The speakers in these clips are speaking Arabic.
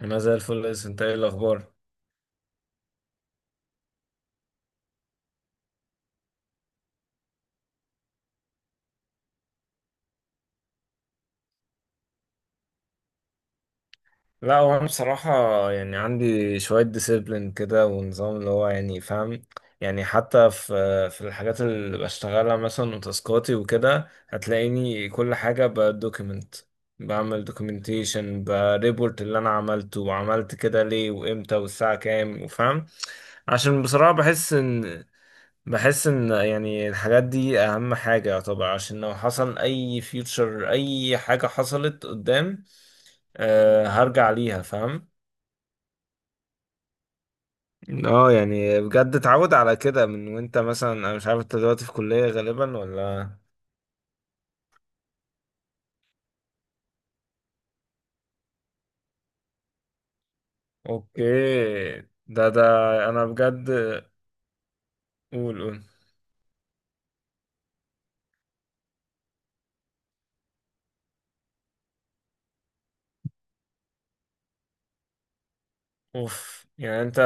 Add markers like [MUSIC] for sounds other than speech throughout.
انا زي الفل، يا انت ايه الاخبار؟ لا، هو انا بصراحه يعني عندي شويه ديسيبلين كده ونظام اللي هو يعني فاهم. يعني حتى في الحاجات اللي بشتغلها مثلا وتاسكاتي وكده، هتلاقيني كل حاجه بدوكيمنت. بعمل دوكيومنتيشن بريبورت اللي انا عملته وعملت كده ليه وامتى والساعه كام وفاهم. عشان بصراحه بحس ان يعني الحاجات دي اهم حاجه طبعا، عشان لو حصل اي فيوتشر اي حاجه حصلت قدام، هرجع ليها فاهم. اه يعني بجد اتعود على كده من، وانت مثلا انا مش عارف انت دلوقتي في كلية غالبا ولا؟ اوكي. ده ده انا بجد. قول قول. اوف يعني انت،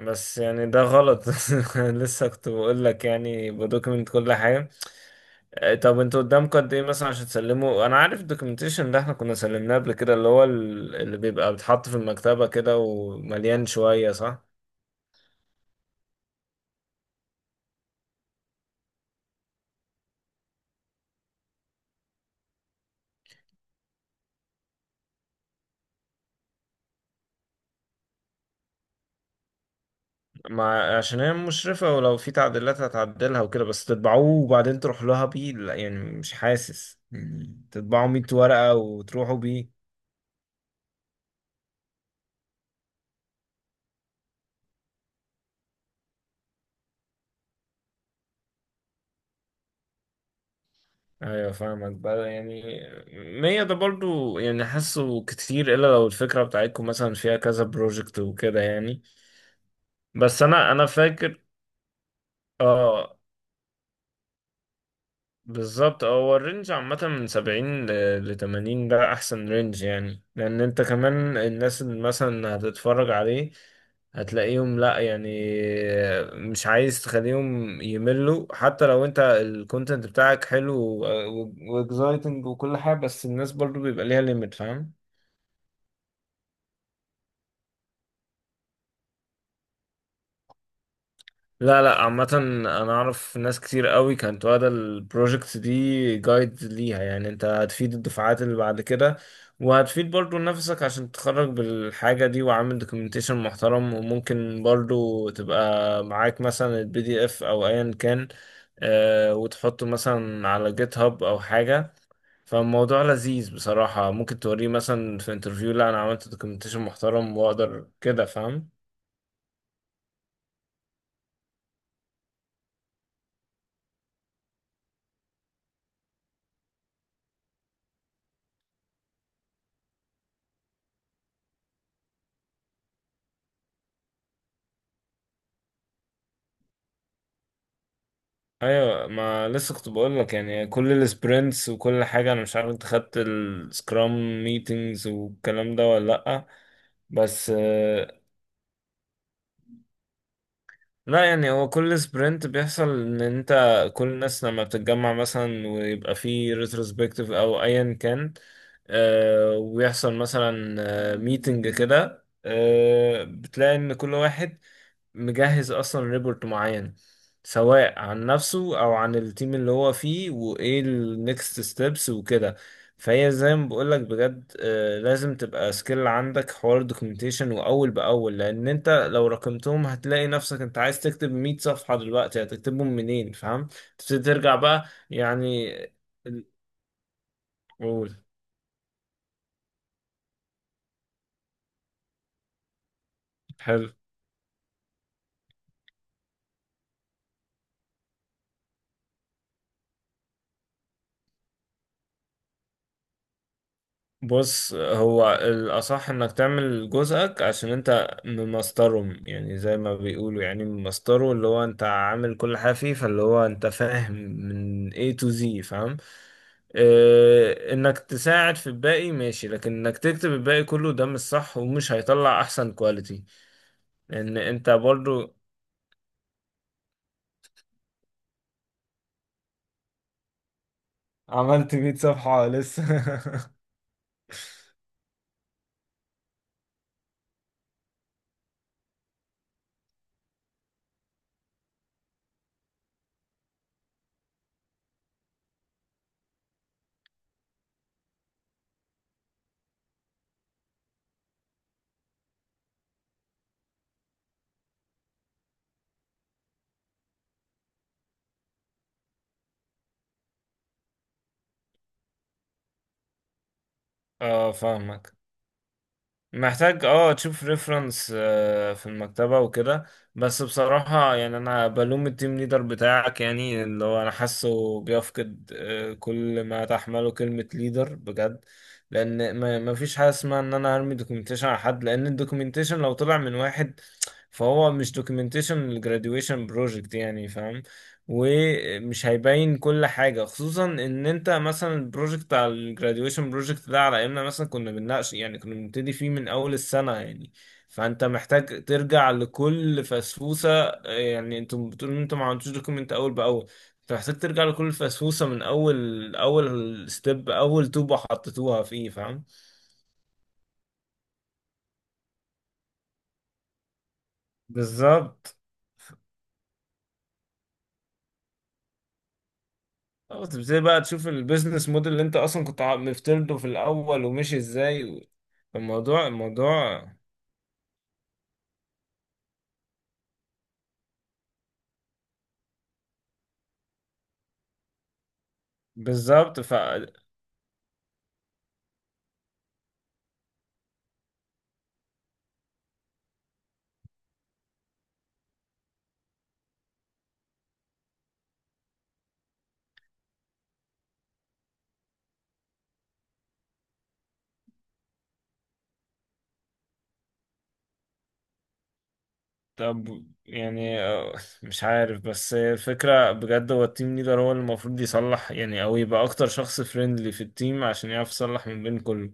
بس يعني ده غلط. [LAUGHS] لسه كنت بقول لك يعني بدوكيمنت كل حاجه. آه، طب انتوا قدامكم قد ايه مثلا عشان تسلموا؟ انا عارف الدوكيومنتيشن ده احنا كنا سلمناه قبل كده، اللي بيبقى بيتحط في المكتبه كده ومليان شويه، صح؟ ما عشان هي مشرفة ولو في تعديلات هتعدلها وكده، بس تطبعوه وبعدين تروح لها بيه. لا يعني مش حاسس يعني تطبعوا 100 ورقة وتروحوا بيه. ايوه فاهمك بقى يعني. 100 ده برضو يعني حاسه كتير، الا لو الفكرة بتاعتكم مثلا فيها كذا بروجكت وكده يعني. بس انا فاكر. اه. بالظبط. هو الرينج عامة من سبعين لتمانين، ده أحسن رينج يعني، لأن أنت كمان الناس اللي مثلا هتتفرج عليه هتلاقيهم، لأ يعني، مش عايز تخليهم يملوا، حتى لو أنت الكونتنت بتاعك حلو وإكزايتنج وكل حاجة، بس الناس برضو بيبقى ليها ليميت فاهم. لا لا، عامة أنا أعرف ناس كتير قوي كانت واخدة البروجكت دي جايد ليها، يعني أنت هتفيد الدفعات اللي بعد كده، وهتفيد برضو نفسك عشان تتخرج بالحاجة دي وعامل دوكيومنتيشن محترم. وممكن برضو تبقى معاك مثلا البي دي اف أو أيا كان، آه، وتحطه مثلا على جيت هاب أو حاجة. فالموضوع لذيذ بصراحة، ممكن توريه مثلا في انترفيو، لا أنا عملت دوكيومنتيشن محترم وأقدر كده فاهم. ايوه، ما لسه كنت بقول لك، يعني كل السبرنتس وكل حاجه. انا مش عارف انت خدت السكرام ميتينجز والكلام ده ولا لا؟ بس آه، لا يعني هو كل سبرنت بيحصل ان انت، كل الناس لما بتتجمع مثلا ويبقى في ريتروسبكتيف او ايا كان، ويحصل مثلا ميتنج كده، بتلاقي ان كل واحد مجهز اصلا ريبورت معين، سواء عن نفسه او عن التيم اللي هو فيه وايه النكست ستيبس وكده. فهي زي ما بقولك بجد، لازم تبقى سكيل عندك حوار دوكيومنتيشن واول باول. لان انت لو رقمتهم هتلاقي نفسك انت عايز تكتب 100 صفحة دلوقتي، هتكتبهم منين فاهم؟ تبتدي ترجع بقى. يعني ال- قول. حلو. بص، هو الأصح إنك تعمل جزءك عشان أنت ممسطرهم، يعني زي ما بيقولوا، يعني ممسطره، اللي هو أنت عامل كل حاجة فيه، فاللي هو أنت فاهم من A to Z فاهم. اه، إنك تساعد في الباقي ماشي، لكن إنك تكتب الباقي كله ده مش صح، ومش هيطلع أحسن كواليتي، لأن أنت برضو عملت 100 صفحة لسه. [LAUGHS] اه فاهمك. محتاج تشوف ريفرنس في المكتبة وكده. بس بصراحة يعني انا بلوم التيم ليدر بتاعك، يعني اللي هو انا حاسه بيفقد، كل ما تحمله كلمة ليدر بجد. لان ما فيش حاجة اسمها ان انا هرمي دوكيومنتيشن على حد، لان الدوكيومنتيشن لو طلع من واحد، فهو مش دوكيومنتيشن الجراديويشن بروجكت، يعني فاهم؟ ومش هيبين كل حاجة، خصوصا ان انت مثلا البروجكت على الجراديويشن بروجكت ده، على ايامنا مثلا كنا بنناقش يعني، كنا بنبتدي فيه من اول السنة يعني. فانت محتاج ترجع لكل فسفوسة، يعني انتم بتقولوا ان انتم ما عملتوش دوكيمنت اول باول. انت محتاج ترجع لكل فسفوسة، من اول اول ستيب، اول طوبة حطيتوها فيه فاهم. بالظبط. اه تبتدي بقى تشوف البيزنس موديل اللي انت اصلا مفترضه في الاول ومشي ازاي و- الموضوع الموضوع بالظبط ف. طب يعني، مش عارف، بس هي الفكرة بجد، هو التيم ليدر هو اللي المفروض يصلح يعني، او يبقى اكتر شخص فريندلي في التيم عشان يعرف يصلح من بين كله.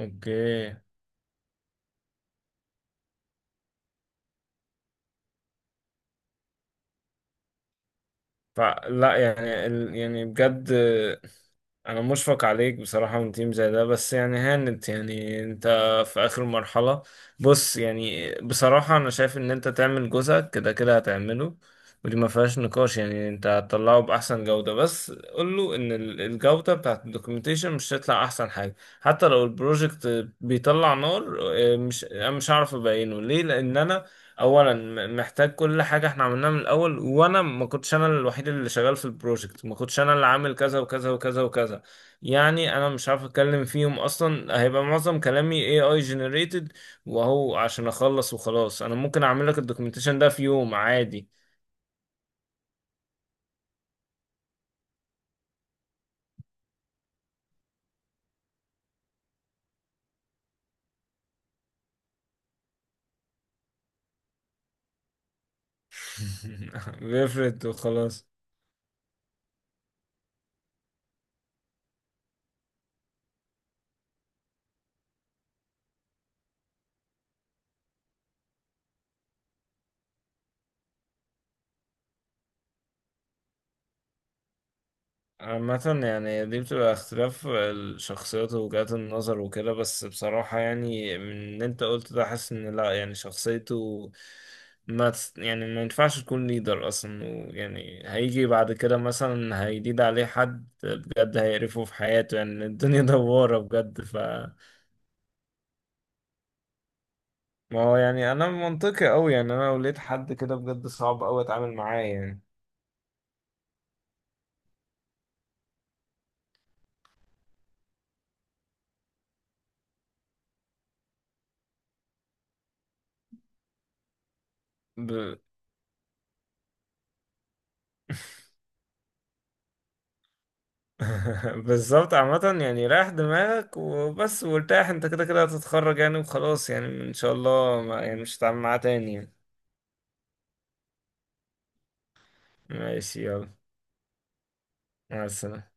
اوكي. فلا يعني يعني بجد انا مشفق عليك بصراحة من تيم زي ده، بس يعني هانت يعني انت في اخر مرحلة. بص، يعني بصراحة انا شايف ان انت تعمل جزءك كده كده هتعمله، ودي ما فيهاش نقاش، يعني انت هتطلعه باحسن جودة. بس قول له ان الجودة بتاعت الدوكيومنتيشن مش هتطلع احسن حاجة، حتى لو البروجكت بيطلع نار. مش انا مش هعرف ابينه ليه، لان انا اولا محتاج كل حاجه احنا عملناها من الاول، وانا ما كنتش انا الوحيد اللي شغال في البروجكت، ما كنتش انا اللي عامل كذا وكذا وكذا وكذا، يعني انا مش عارف اتكلم فيهم اصلا، هيبقى معظم كلامي AI generated. وهو عشان اخلص وخلاص، انا ممكن اعمل لك الدوكيومنتيشن ده في يوم عادي. [LAUGHS] بيفرد وخلاص. عامة يعني دي بتبقى اختلاف الشخصيات ووجهات النظر وكده، بس بصراحة يعني من اللي انت قلت ده، حاسس ان لا يعني شخصيته ما تس- يعني ما ينفعش تكون ليدر اصلا. ويعني هيجي بعد كده مثلا هيليد عليه حد بجد هيقرفه في حياته، يعني الدنيا [LAUGHS] دوارة بجد ف. ما هو يعني انا منطقي قوي، يعني انا لو لقيت حد كده بجد صعب قوي اتعامل معاه يعني. ب... [LAUGHS] [LAUGHS] بالظبط. عامة يعني ريح دماغك وبس وارتاح، انت كده كده هتتخرج يعني وخلاص، يعني ان شاء الله ما يعني مش هتعمل معاه تاني يعني. ماشي يلا. مع السلامة.